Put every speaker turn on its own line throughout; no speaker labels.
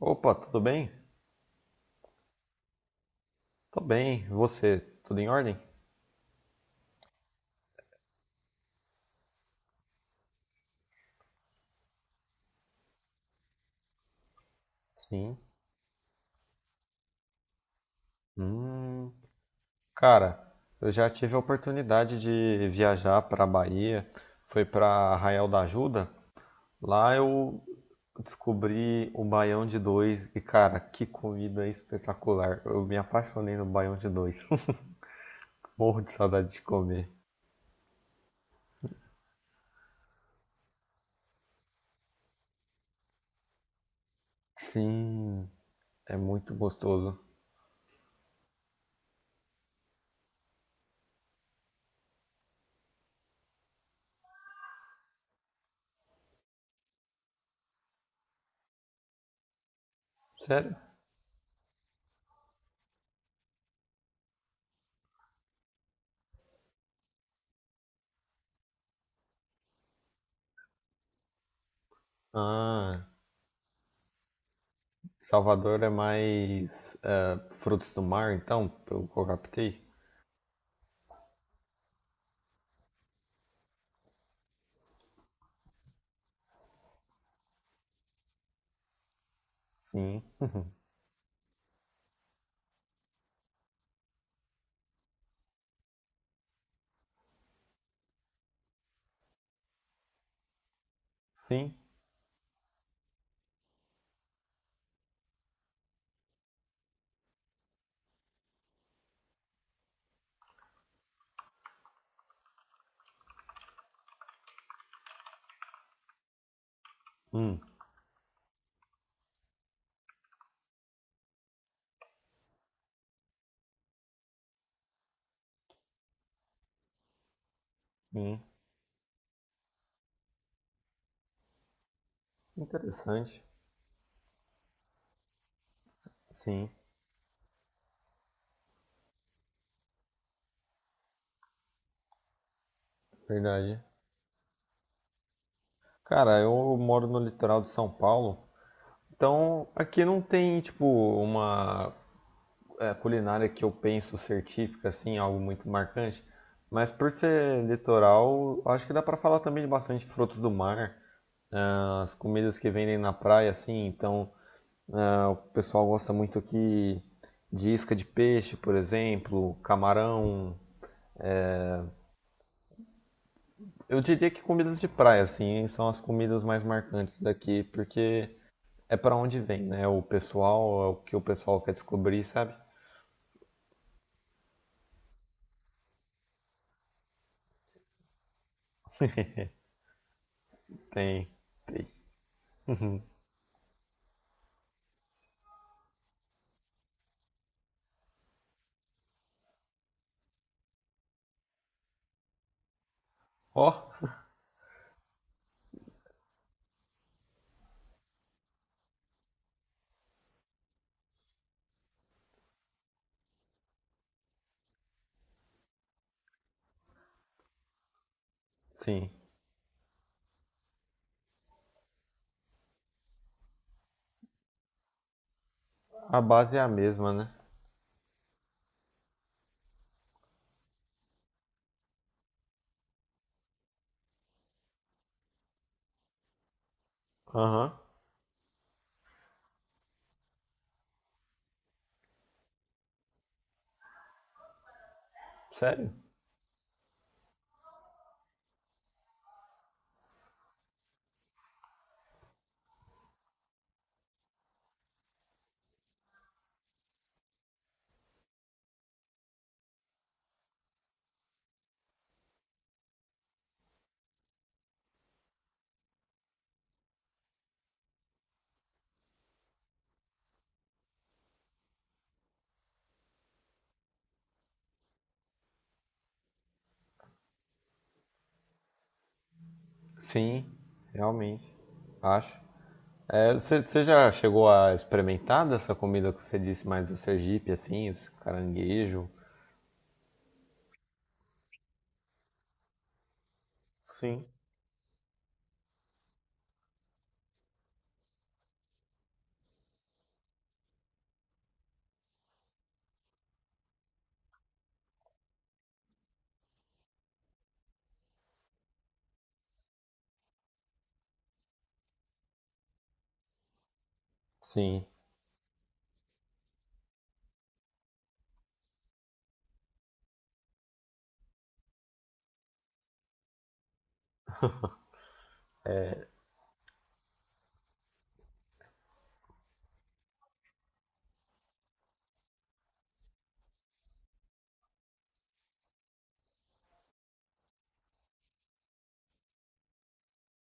Opa, tudo bem? Tô bem. E você, tudo em ordem? Sim. Hum, cara, eu já tive a oportunidade de viajar para Bahia, foi para Arraial da Ajuda. Lá eu descobri o baião de dois e, cara, que comida espetacular. Eu me apaixonei no baião de dois. Morro de saudade de comer. Sim, é muito gostoso. Sério? Ah, Salvador é mais frutos do mar, então, pelo que eu captei. Sim, sim, hum, sim, interessante, sim, verdade. Cara, eu moro no litoral de São Paulo, então aqui não tem, tipo, uma culinária que eu penso ser típica, assim, algo muito marcante, mas por ser litoral, acho que dá pra falar também de bastante frutos do mar, ah, as comidas que vendem na praia, assim, então ah, o pessoal gosta muito aqui de isca de peixe, por exemplo, camarão. Eu diria que comidas de praia, assim, são as comidas mais marcantes daqui, porque é pra onde vem, né? O pessoal, é o que o pessoal quer descobrir, sabe? Tem, tem. Ó, sim. A base é a mesma, né? Aham. Sério? Sim, realmente. Acho. É, você já chegou a experimentar dessa comida que você disse mais do Sergipe, assim, esse caranguejo? Sim. Sim.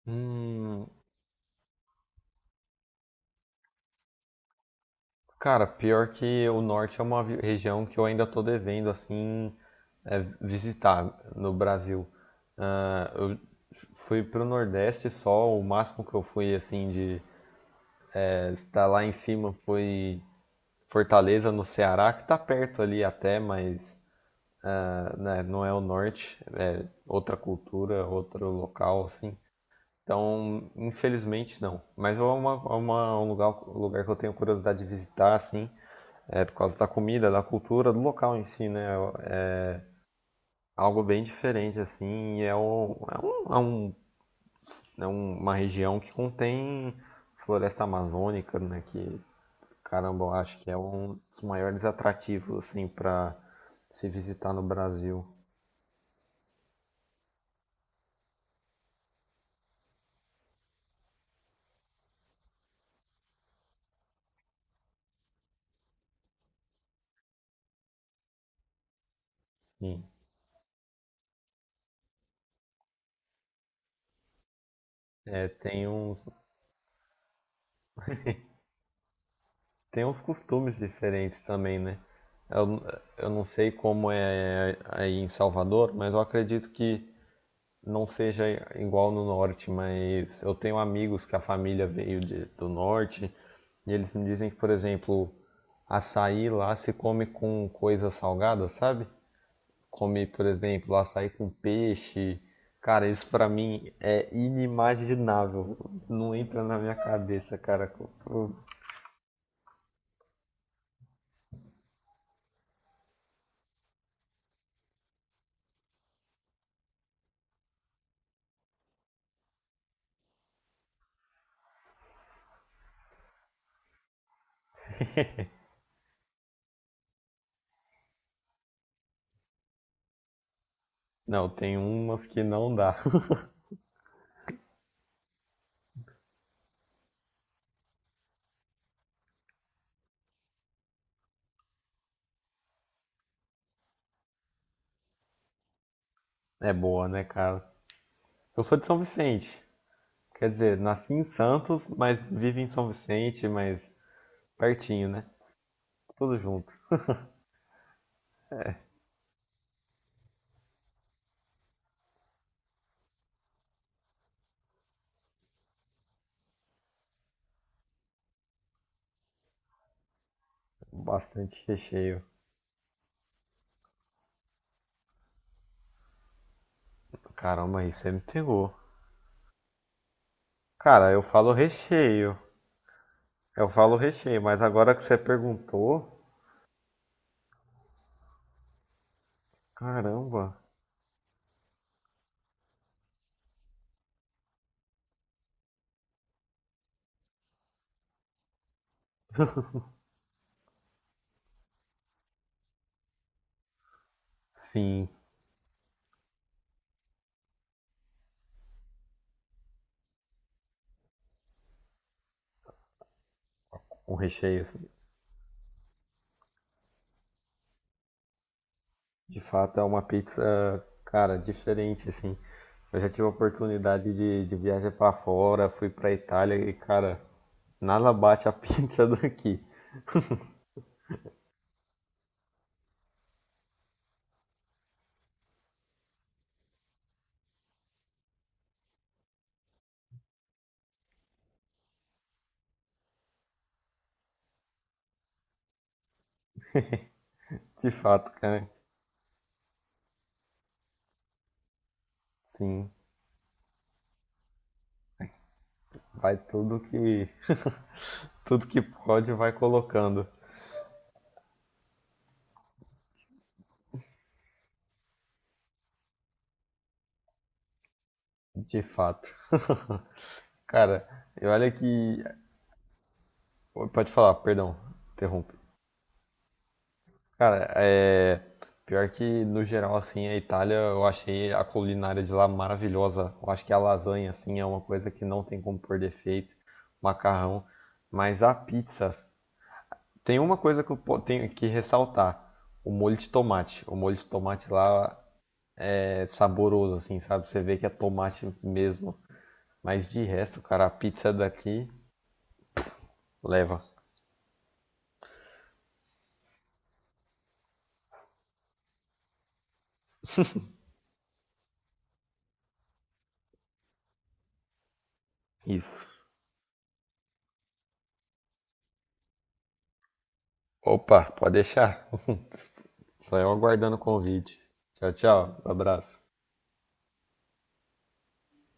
Hum, cara, pior que o norte é uma região que eu ainda tô devendo, assim, é, visitar no Brasil. Ah, eu fui pro Nordeste só, o máximo que eu fui, assim, de é, estar lá em cima foi Fortaleza, no Ceará, que tá perto ali até, mas ah, né, não é o norte, é outra cultura, outro local, assim. Então, infelizmente, não. Mas um lugar que eu tenho curiosidade de visitar, assim. É por causa da comida, da cultura, do local em si, né? É algo bem diferente, assim, e é, o- é um- é um- é um, uma região que contém floresta amazônica, né? Que, caramba, eu acho que é um dos maiores atrativos, assim, para se visitar no Brasil. Sim. É, tem uns, tem uns costumes diferentes também, né? Eu, eu não sei como é aí em Salvador, mas eu acredito que não seja igual no norte, mas eu tenho amigos que a família veio do norte e eles me dizem que, por exemplo, açaí lá se come com coisa salgada, sabe? Come, por exemplo, açaí com peixe. Cara, isso pra mim é inimaginável. Não entra na minha cabeça, cara. Não, tem umas que não dá. É boa, né, cara? Eu sou de São Vicente. Quer dizer, nasci em Santos, mas vivo em São Vicente, mas pertinho, né? Tudo junto. Bastante recheio. Caramba, aí você me pegou. Cara, eu falo recheio. Mas agora que você perguntou, caramba. Sim, um recheio, assim, de fato é uma pizza, cara, diferente, assim. Eu já tive a oportunidade de viajar pra fora, fui pra Itália e, cara, nada bate a pizza daqui. De fato, cara. Sim, vai tudo que pode vai colocando, de fato. Cara, e olha que. Pode falar, perdão, interrompe. Cara, é. Pior que no geral, assim, a Itália, eu achei a culinária de lá maravilhosa. Eu acho que a lasanha, assim, é uma coisa que não tem como pôr defeito. Macarrão. Mas a pizza, tem uma coisa que eu tenho que ressaltar: o molho de tomate. O molho de tomate lá é saboroso, assim, sabe? Você vê que é tomate mesmo. Mas de resto, cara, a pizza daqui leva. Isso. Opa, pode deixar. Só eu aguardando o convite. Tchau, tchau. Um Abraço.